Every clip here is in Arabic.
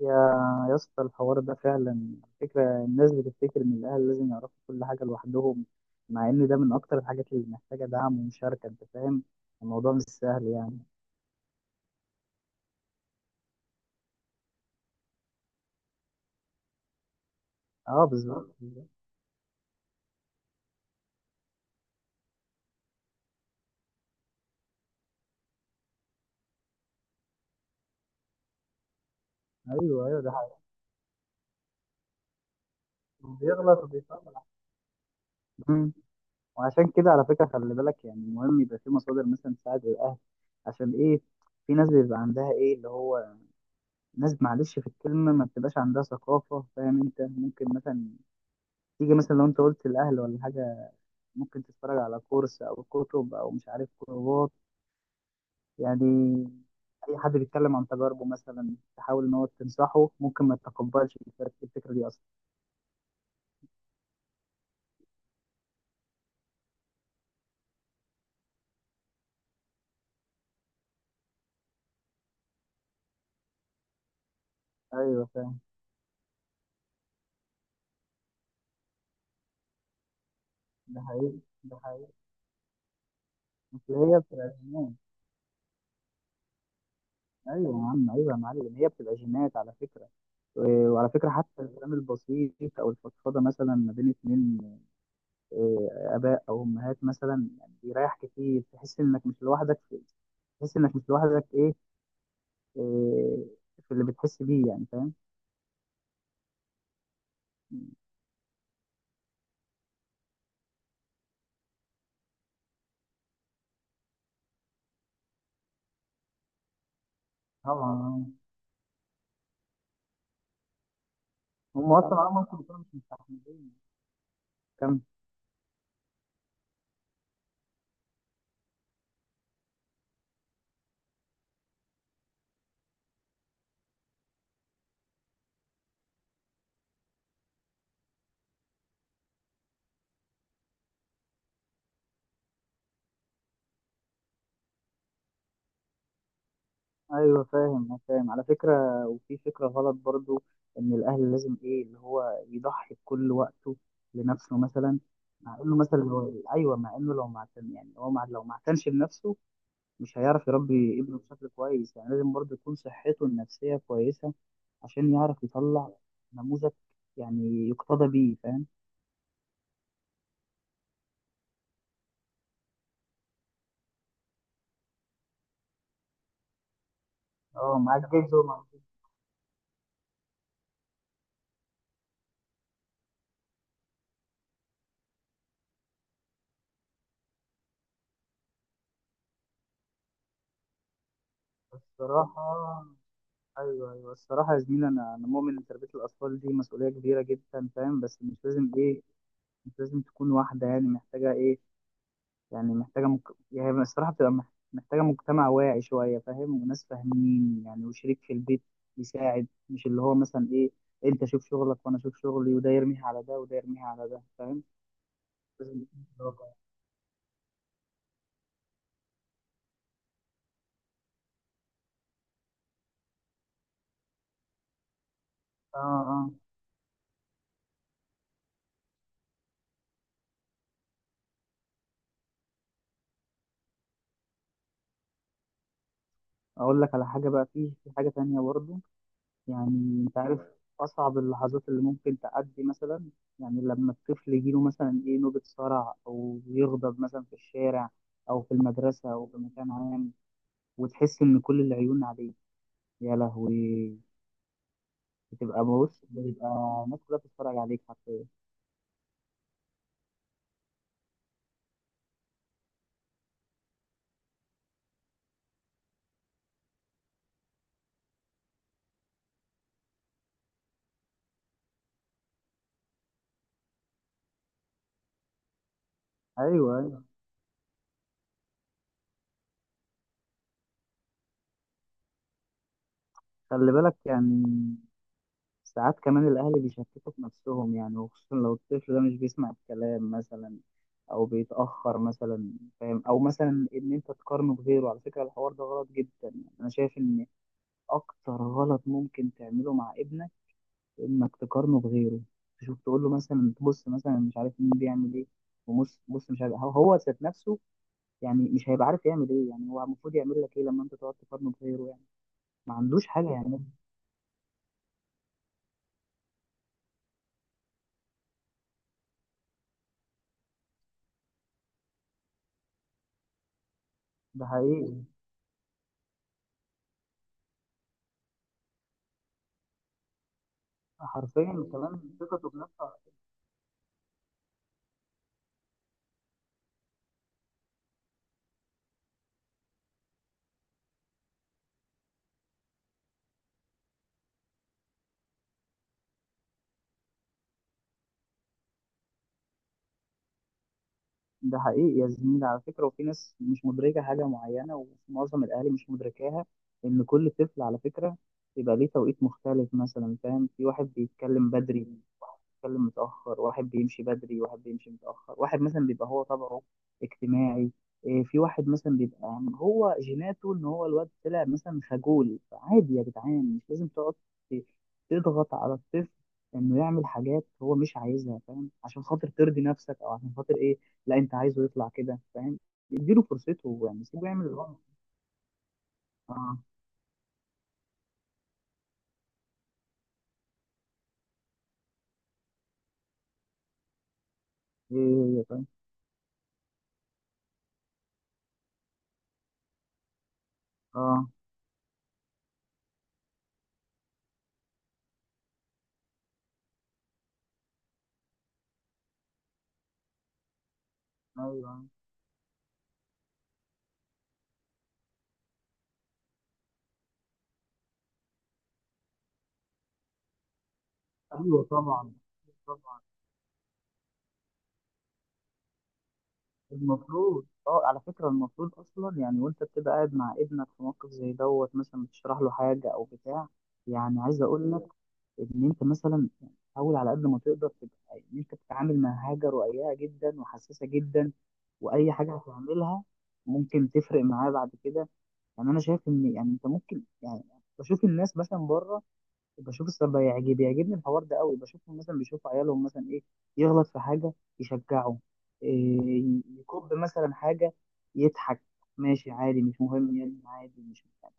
يا يا اسطى الحوار ده فعلا فكرة الناس بتفتكر إن الأهل لازم يعرفوا كل حاجة لوحدهم، مع إن ده من أكتر الحاجات اللي محتاجة دعم ومشاركة. أنت فاهم، الموضوع مش سهل يعني. أه بالظبط بالظبط. أيوه أيوه، ده حقيقي، بيغلط وبيفهم. مم. وعشان كده على فكرة خلي بالك، يعني مهم يبقى في مصادر مثلا تساعد الأهل. عشان إيه؟ في ناس بيبقى عندها إيه اللي هو، ناس معلش في الكلمة ما بتبقاش عندها ثقافة. فاهم؟ أنت ممكن مثلا تيجي مثلا، لو أنت قلت الأهل ولا حاجة، ممكن تتفرج على كورس او كتب او مش عارف كورسات. يعني اي حد بيتكلم عن تجاربه مثلا تحاول ان هو تنصحه، ممكن ما تتقبلش الفكرة، الفكرة دي اصلا. ايوه فاهم. ده حقيقي، ده حقيقي. بس هي بتبقى جينات. ايوه يا عم، ايوه يا معلم، هي بتبقى جينات على فكرة. و- وعلى فكرة حتى الكلام البسيط أو الفضفضة مثلا ما بين اتنين، آه، آباء أو أمهات مثلا، يعني بيريح كتير، تحس إنك مش لوحدك في، تحس إنك مش لوحدك إيه، إيه، في اللي بتحس بيه يعني. فاهم؟ طبعا. هم اصلا طبعا هم ممكن يكونوا مش مستحملين كم. ايوه فاهم، أنا فاهم على فكره، وفي فكره غلط برضو ان الاهل لازم ايه اللي هو يضحي بكل وقته لنفسه مثلا. مع انه مثلا هو ايوه، مع انه لو ما اعتن يعني هو مع لو ما اعتنش بنفسه، مش هيعرف يربي ابنه بشكل كويس. يعني لازم برضو يكون صحته النفسيه كويسه عشان يعرف يطلع نموذج يعني يقتدى بيه. فاهم؟ اه معاك جزء. الصراحة أيوه أيوه، الصراحة يا زميلي، أنا مؤمن إن تربية الأطفال دي مسؤولية كبيرة جدا. فاهم؟ بس مش لازم إيه، مش لازم تكون واحدة يعني محتاجة إيه، يعني يعني الصراحة بتبقى محتاجة مجتمع واعي شوية. فاهم؟ وناس فاهمين يعني، وشريك في البيت يساعد. مش اللي هو مثلا إيه، أنت شوف شغلك وأنا أشوف شغلي، وده يرميها على ده وده يرميها على ده. فاهم؟ لازم يكون في رقابة. آه آه. أقول لك على حاجة بقى، في حاجة تانية برضه. يعني انت عارف اصعب اللحظات اللي ممكن تعدي مثلا، يعني لما الطفل يجيله مثلا ايه نوبة صرع او يغضب مثلا في الشارع، او في المدرسة، او في مكان عام، وتحس ان كل العيون عليك. يا لهوي، بتبقى بص، بتبقى الناس كلها بتتفرج عليك حرفيا. ايوه ايوه. خلي بالك، يعني ساعات كمان الأهل بيشككوا في نفسهم، يعني وخصوصا لو الطفل ده مش بيسمع الكلام مثلا، أو بيتأخر مثلا. فاهم؟ أو مثلا إن أنت تقارنه بغيره. على فكرة الحوار ده غلط جدا. يعني أنا شايف إن أكتر غلط ممكن تعمله مع ابنك إنك تقارنه بغيره، تشوف تقول له مثلا تبص مثلا مش عارف مين بيعمل إيه، وبص بص مش عارف، هو هو ذات نفسه يعني مش هيبقى عارف يعمل إيه. يعني هو المفروض يعمل لك إيه لما أنت تقعد تقارنه بغيره يعني؟ ما عندوش حاجة يعملها. ده حقيقي، حرفيا كمان ثقته بنفسه. ده حقيقي يا زميلي على فكرة، وفي ناس مش مدركة حاجة معينة، ومعظم الأهالي مش مدركاها إن كل طفل على فكرة يبقى ليه توقيت مختلف مثلا. فاهم؟ في واحد بيتكلم بدري، بيتكلم متأخر، واحد بيمشي بدري، واحد بيمشي متأخر، واحد مثلا بيبقى هو طبعه اجتماعي، إيه، في واحد مثلا بيبقى يعني هو جيناته ان هو الواد طلع مثلا خجول. فعادي يا جدعان، مش لازم تقعد ت- تضغط على الطفل انه يعمل حاجات هو مش عايزها. فاهم؟ عشان خاطر ترضي نفسك او عشان خاطر ايه، لا انت عايزه يطلع كده. فاهم؟ اديله فرصته، يعني سيبه يعمل اللي هو. اه ايه، هي طيب. اه ايوه ايوه. أيوه، طبعا طبعا. المفروض اه على فكرة المفروض اصلا، يعني وانت بتبقى قاعد مع ابنك في موقف زي دوت مثلا بتشرح له حاجة او بتاع، يعني عايز اقول لك ان انت مثلا، يعني حاول على قد ما تقدر تبقى ان انت بتتعامل مع حاجة رقيقة جدا وحساسة جدا، واي حاجة هتعملها ممكن تفرق معاه بعد كده. يعني انا شايف ان يعني انت ممكن يعني، بشوف الناس مثلا بره، بشوف الصراحة بيعجبني الحوار ده قوي، بشوفهم مثلا بيشوفوا عيالهم مثلا ايه يغلط في حاجة يشجعه، إيه يكب مثلا حاجة، يضحك، ماشي عادي مش مهم يعني عادي مش مهم.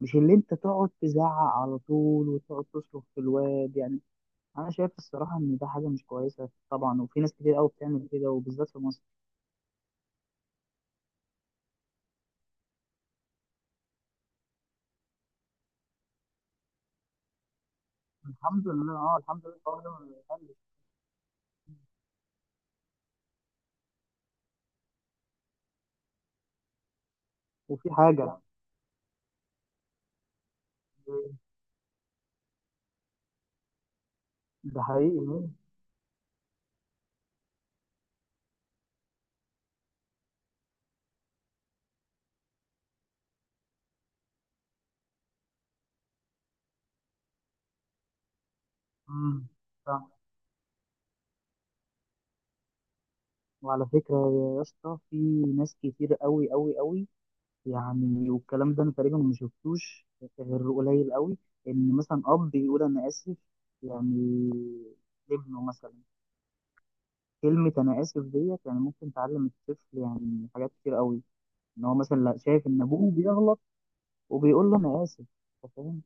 مش اللي انت تقعد تزعق على طول وتقعد تصرخ في الواد يعني. انا شايف الصراحة ان ده حاجة مش كويسة طبعا، وفي ناس كتير قوي بتعمل كده وبالذات في مصر. الحمد لله، اه الحمد لله، الحوار ده ما بيقلش. وفي حاجة، ده حقيقي. مم. وعلى فكرة يا اسطى، في ناس كتير قوي قوي قوي، يعني والكلام ده انا تقريبا ما شفتوش غير قليل قوي، ان مثلا اب يقول انا اسف يعني لابنه مثلا. كلمة انا اسف ديت يعني ممكن تعلم الطفل يعني حاجات كتير قوي، ان هو مثلا لا شايف ان ابوه بيغلط وبيقول له انا اسف. أنت فاهم؟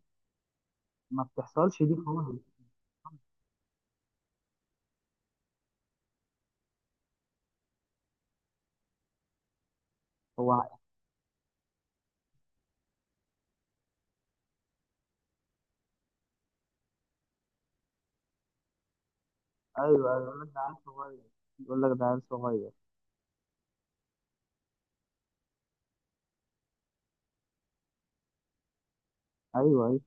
ما بتحصلش دي خالص. هو، ايوه ايوه يقول لك ده عيل صغير، يقول لك ده عيل صغير. ايوه ايوه.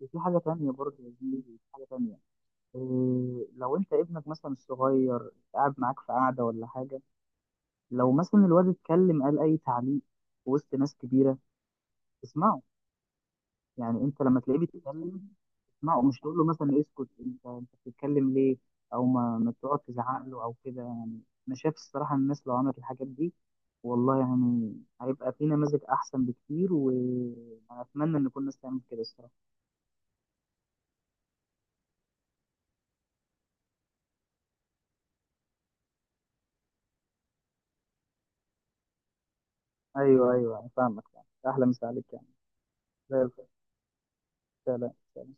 وفي حاجة تانية برضه يا زميلي، في حاجة تانية، إيه، لو انت ابنك مثلا الصغير قاعد معاك في قعده ولا حاجه، لو مثلا الواد اتكلم قال اي تعليق في وسط ناس كبيره، اسمعه. يعني انت لما تلاقيه بيتكلم اسمعه، مش تقول له مثلا اسكت انت بتتكلم ليه، او ما تقعد تزعق له او كده يعني. انا شايف الصراحه الناس لو عملت الحاجات دي، والله يعني هيبقى في نماذج احسن بكتير، وانا اتمنى ان كل الناس تعمل كده الصراحه. ايوه ايوه، أنا فاهمك فاهمك. احلى مسا عليك يعني. زي الفل. سلام سلام.